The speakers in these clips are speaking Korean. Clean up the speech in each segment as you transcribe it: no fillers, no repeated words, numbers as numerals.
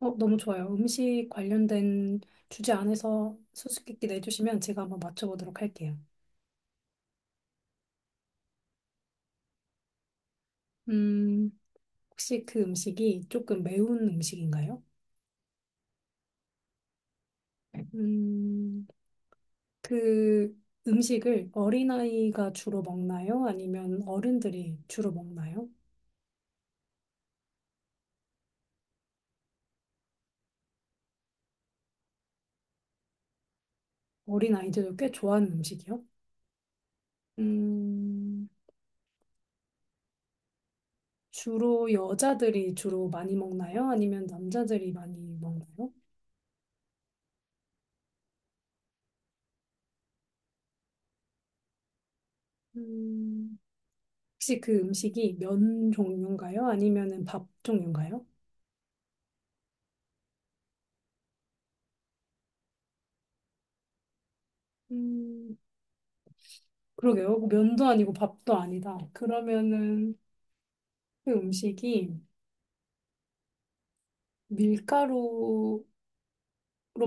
너무 좋아요. 음식 관련된 주제 안에서 수수께끼 내주시면 제가 한번 맞춰보도록 할게요. 음, 혹시 그 음식이 조금 매운 음식인가요? 음, 그 음식을 어린아이가 주로 먹나요? 아니면 어른들이 주로 먹나요? 어린아이들도 꽤 좋아하는 음식이요? 음, 주로 여자들이 주로 많이 먹나요? 아니면 남자들이 많이 먹나요? 음, 혹시 그 음식이 면 종류인가요? 아니면은 밥 종류인가요? 음, 그러게요. 면도 아니고 밥도 아니다. 그러면은 그 음식이 밀가루로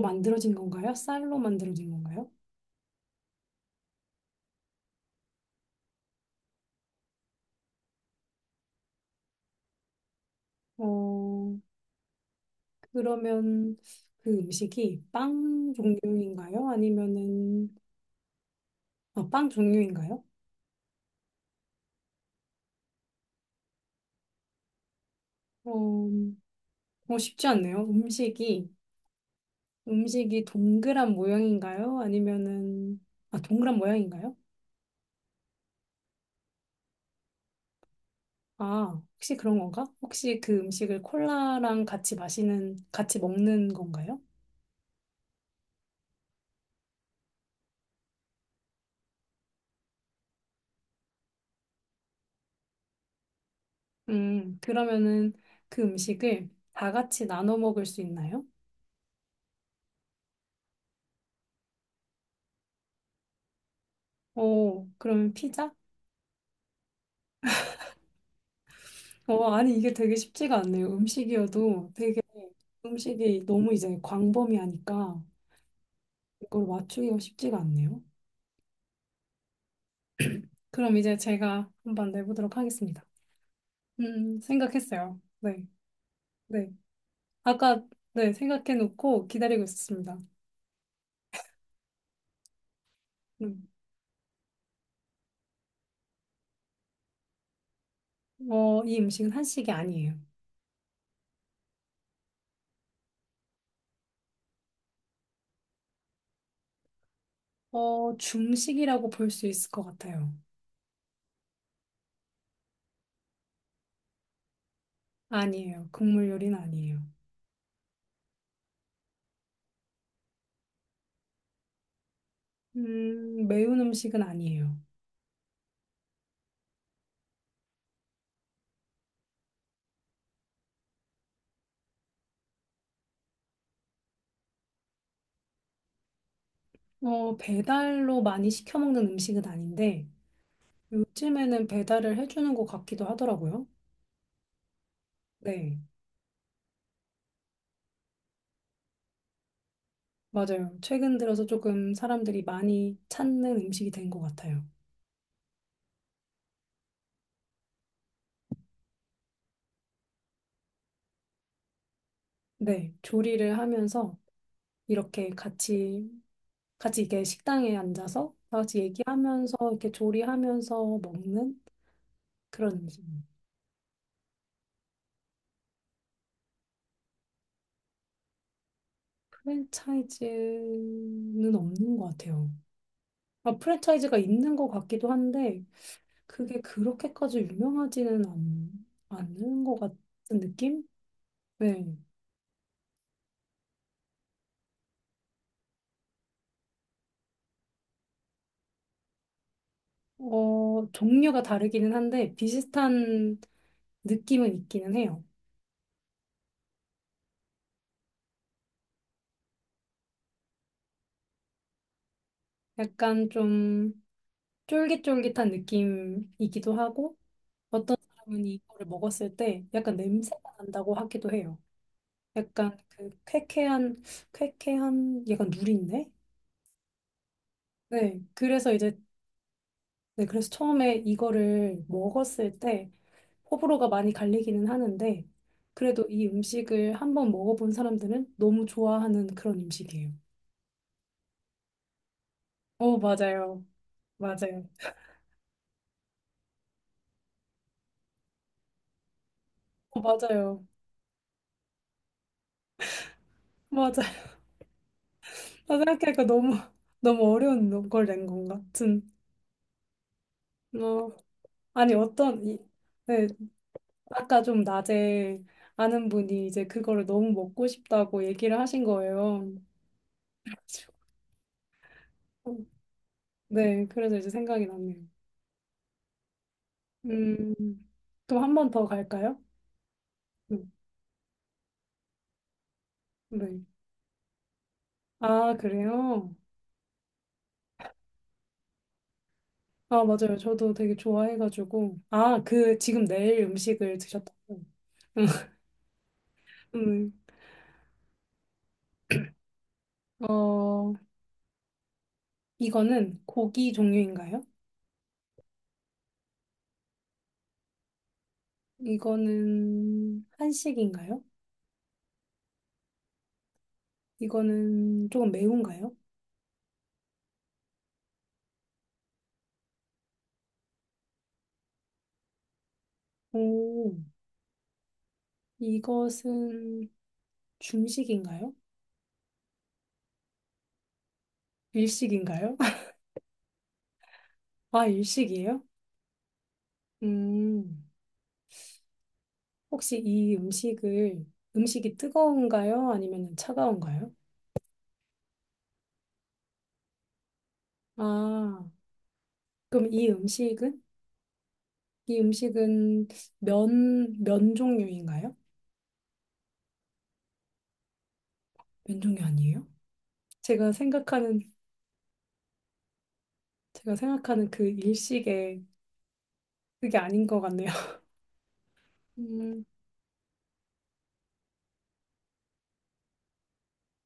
만들어진 건가요? 쌀로 만들어진 건가요? 어, 그러면 그 음식이 빵 종류인가요? 아니면은 아, 빵 종류인가요? 어, 쉽지 않네요. 음식이 음식이 동그란 모양인가요? 아니면은 아, 동그란 모양인가요? 아, 혹시 그런 건가? 혹시 그 음식을 콜라랑 같이 마시는, 같이 먹는 건가요? 그러면은 그 음식을 다 같이 나눠 먹을 수 있나요? 오, 그러면 피자? 아니, 이게 되게 쉽지가 않네요. 음식이어도 되게 음식이 너무 이제 광범위하니까 이걸 맞추기가 쉽지가 않네요. 그럼 이제 제가 한번 내보도록 하겠습니다. 생각했어요. 네, 네. 아까, 네, 생각해 놓고 기다리고 있었습니다. 음. 이 음식은 한식이 아니에요. 중식이라고 볼 수 있을 것 같아요. 아니에요. 국물 요리는 아니에요. 매운 음식은 아니에요. 배달로 많이 시켜 먹는 음식은 아닌데, 요즘에는 배달을 해주는 것 같기도 하더라고요. 네, 맞아요. 최근 들어서 조금 사람들이 많이 찾는 음식이 된 것 같아요. 네, 조리를 하면서 이렇게 같이, 같이 이게 식당에 앉아서 다 같이 얘기하면서 이렇게 조리하면서 먹는 그런 프랜차이즈는 없는 것 같아요. 아, 프랜차이즈가 있는 것 같기도 한데 그게 그렇게까지 유명하지는 않는 것 같은 느낌? 네. 종류가 다르기는 한데 비슷한 느낌은 있기는 해요. 약간 좀 쫄깃쫄깃한 느낌이기도 하고 어떤 사람은 이거를 먹었을 때 약간 냄새가 난다고 하기도 해요. 약간 그 쾌쾌한 약간 누린내? 네, 그래서 이제, 네, 그래서 처음에 이거를 먹었을 때 호불호가 많이 갈리기는 하는데, 그래도 이 음식을 한번 먹어본 사람들은 너무 좋아하는 그런 음식이에요. 어, 맞아요. 맞아요. 어, 맞아요. 맞아요. 나 생각하니까 너무, 너무 어려운 걸 낸 건가? 아무튼, 어, 아니, 어떤, 이, 네, 아까 좀 낮에 아는 분이 이제 그거를 너무 먹고 싶다고 얘기를 하신 거예요. 네, 그래서 이제 생각이 났네요. 음, 또 한 번 더 갈까요? 음, 네. 아, 그래요? 아, 맞아요. 저도 되게 좋아해가지고. 아, 그, 지금 내일 음식을 드셨다고. 음, 어, 이거는 고기 종류인가요? 이거는 한식인가요? 이거는 조금 매운가요? 오, 이것은 중식인가요? 일식인가요? 아, 일식이에요? 음. 혹시 이 음식을, 음식이 뜨거운가요? 아니면 차가운가요? 아, 그럼 이 음식은? 이 음식은 면 종류인가요? 면 종류 아니에요? 제가 생각하는, 제가 생각하는 그 일식의 그게 아닌 것 같네요. 음,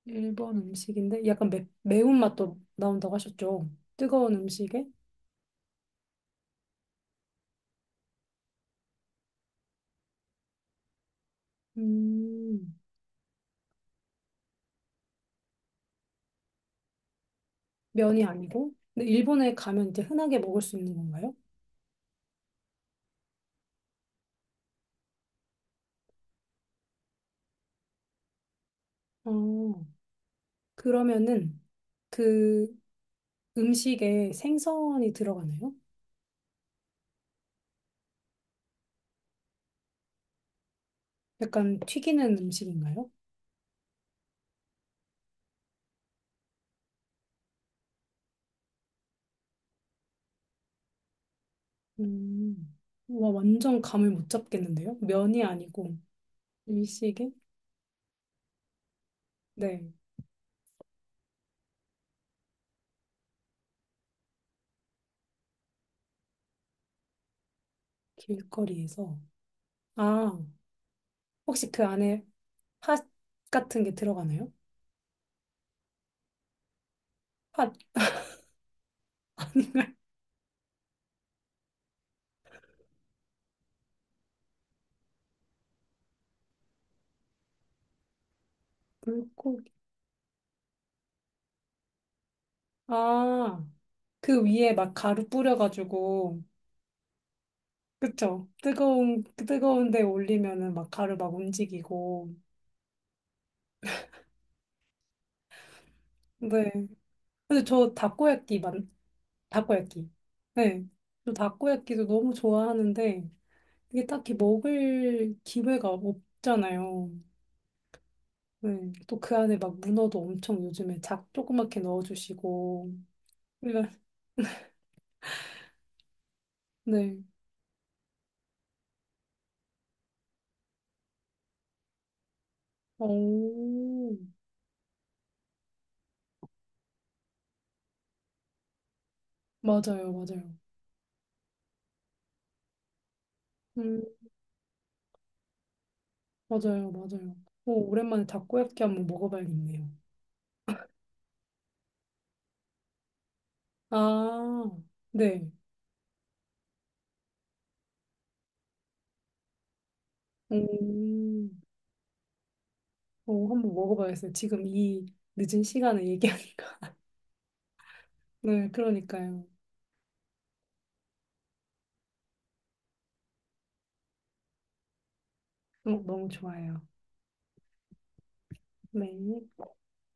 일본 음식인데 약간 매운맛도 나온다고 하셨죠? 뜨거운 음식에? 음, 면이 아니고? 근데 일본에 가면 이제 흔하게 먹을 수 있는 건가요? 어, 그러면은 그 음식에 생선이 들어가나요? 약간 튀기는 음식인가요? 음, 와, 완전 감을 못 잡겠는데요? 면이 아니고 일식에? 네, 길거리에서. 아, 혹시 그 안에 팥 같은 게 들어가나요? 팥 아닌가요? 물고기. 아, 그 위에 막 가루 뿌려가지고, 그쵸? 뜨거운 데 올리면은 막 가루 막 움직이고. 네. 근데 저 다코야끼. 네. 저 다코야끼도 너무 좋아하는데, 이게 딱히 먹을 기회가 없잖아요. 네. 또 그 안에 막 문어도 엄청 요즘에 작 조그맣게 넣어주시고. 그러니까, 네. 오, 맞아요, 맞아요. 음, 맞아요, 맞아요. 오, 오랜만에 다코야끼 한번 먹어봐야겠네요. 아, 네. 오, 오, 한번 먹어봐야겠어요. 지금 이 늦은 시간에 얘기하니까. 네, 그러니까요. 어, 너무 좋아요. 네.